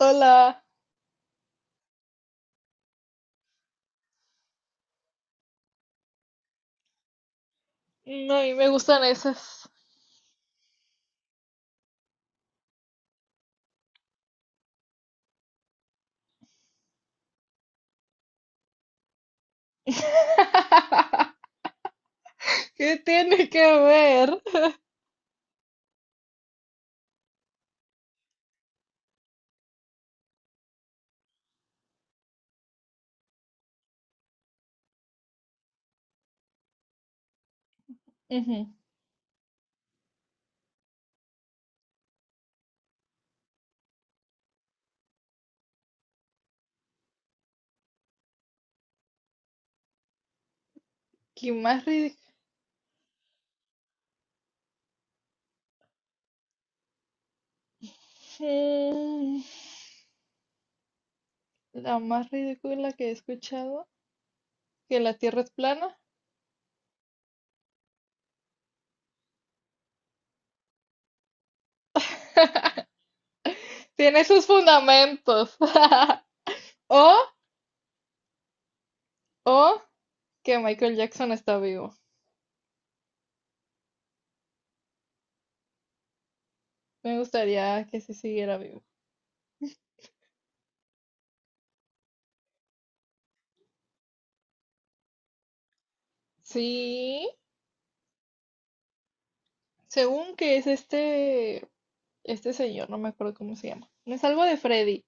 Hola. No, a mí me gustan esas. ¿Qué tiene que ver? Ujú. ¿Qué más ridícula? La más ridícula que he escuchado, que la Tierra es plana. Tiene sus fundamentos. O, o que Michael Jackson está vivo. Me gustaría que sí siguiera vivo. Sí, según que es este señor, no me acuerdo cómo se llama. No. Es algo de Freddy,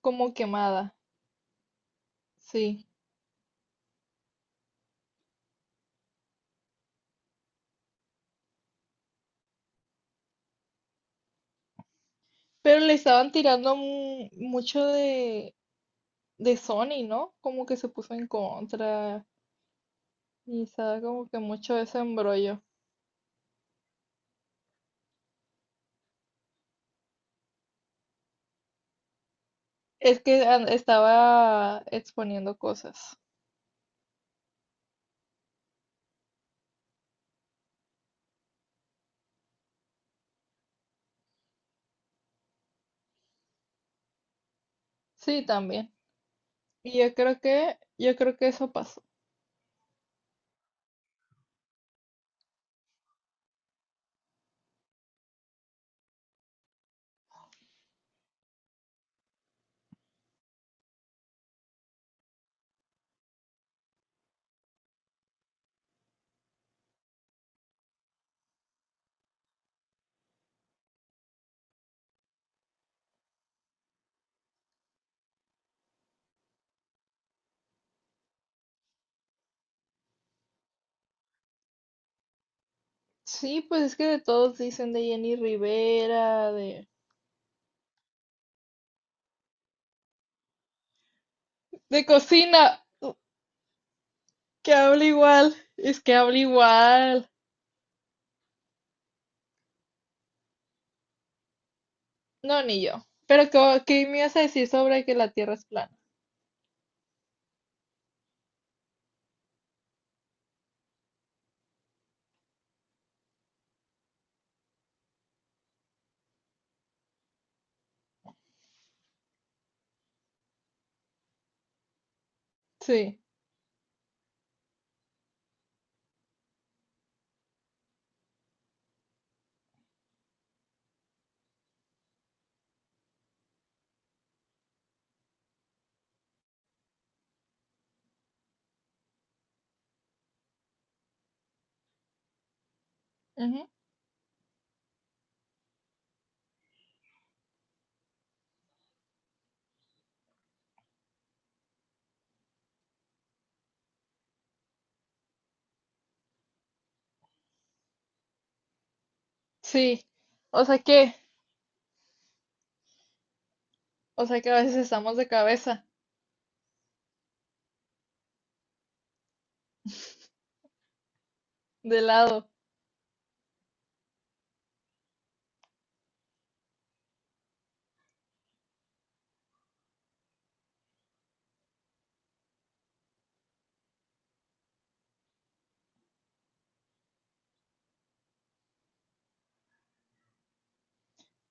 como quemada. Sí. Pero le estaban tirando mucho de Sony, ¿no? Como que se puso en contra y estaba como que mucho ese embrollo. Es que estaba exponiendo cosas. Sí, también. Y yo creo que eso pasó. Sí, pues es que de todos dicen de Jenny Rivera, de cocina, que habla igual, es que habla igual. No, ni yo. Pero, ¿ qué me ibas a decir sobre que la Tierra es plana? Sí. Sí, o sea que, o sea que a veces estamos de cabeza, de lado.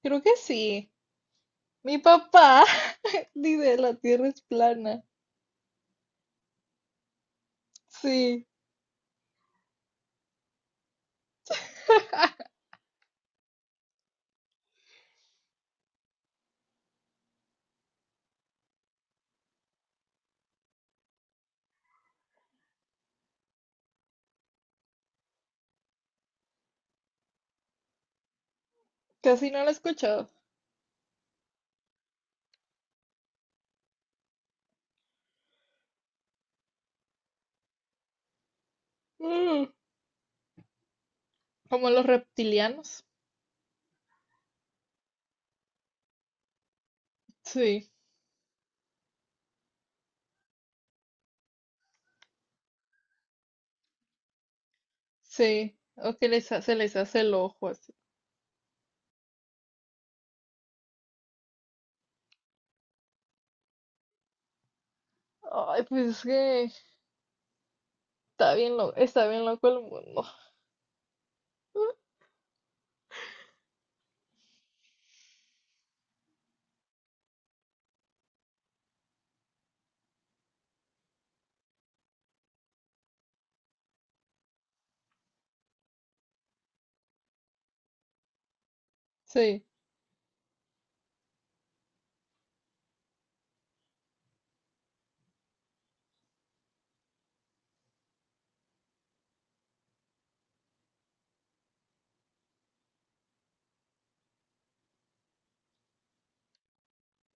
Creo que sí. Mi papá dice la Tierra es plana. Sí, casi no lo he escuchado. Mm, como los reptilianos. Sí, sí. O que se les hace el ojo así. Ay, pues es que está bien loco el mundo. Sí.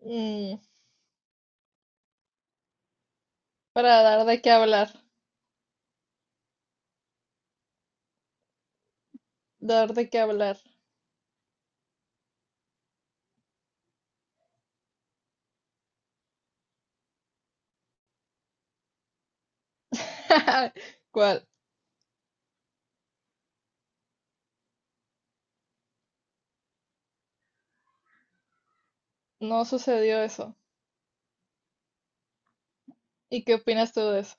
Mm, para dar de qué hablar, dar de qué hablar. ¿Cuál? No sucedió eso. ¿Y qué opinas tú de eso?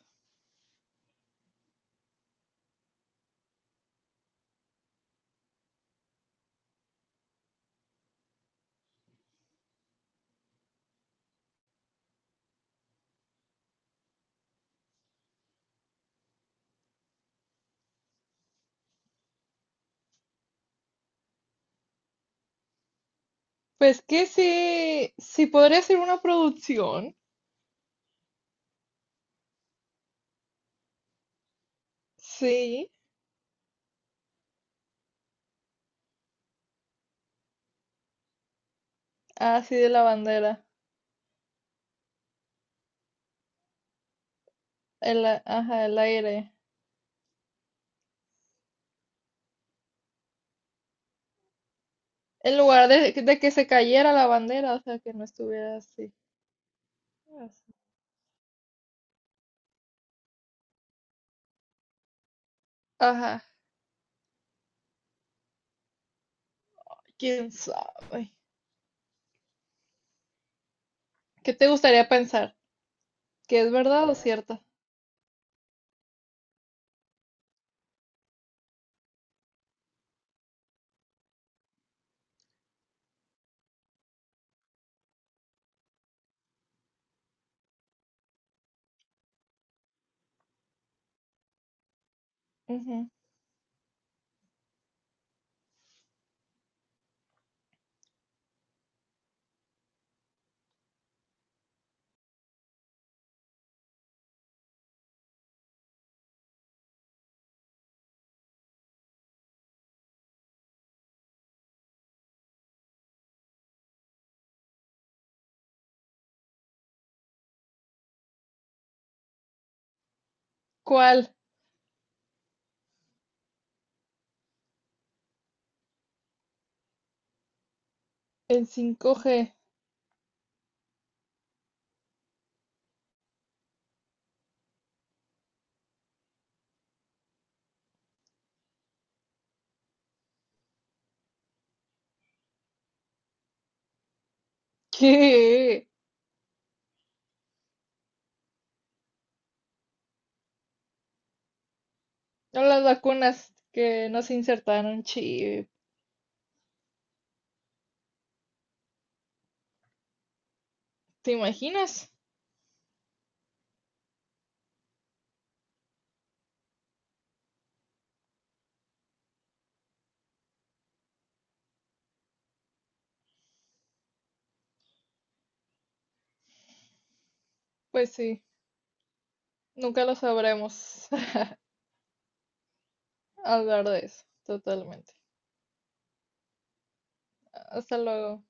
Pues que sí, sí podría ser una producción, sí, así de la bandera, ajá, el aire, en lugar de que se cayera la bandera, o sea, que no estuviera así, así. Ajá, quién sabe. ¿Qué te gustaría pensar? ¿Que es verdad o cierta? Ujú. ¿Cuál? El 5G. ¿Qué? No, las vacunas que nos insertaron chip. ¿Te imaginas? Pues sí, nunca lo sabremos. Hablar de eso, totalmente. Hasta luego.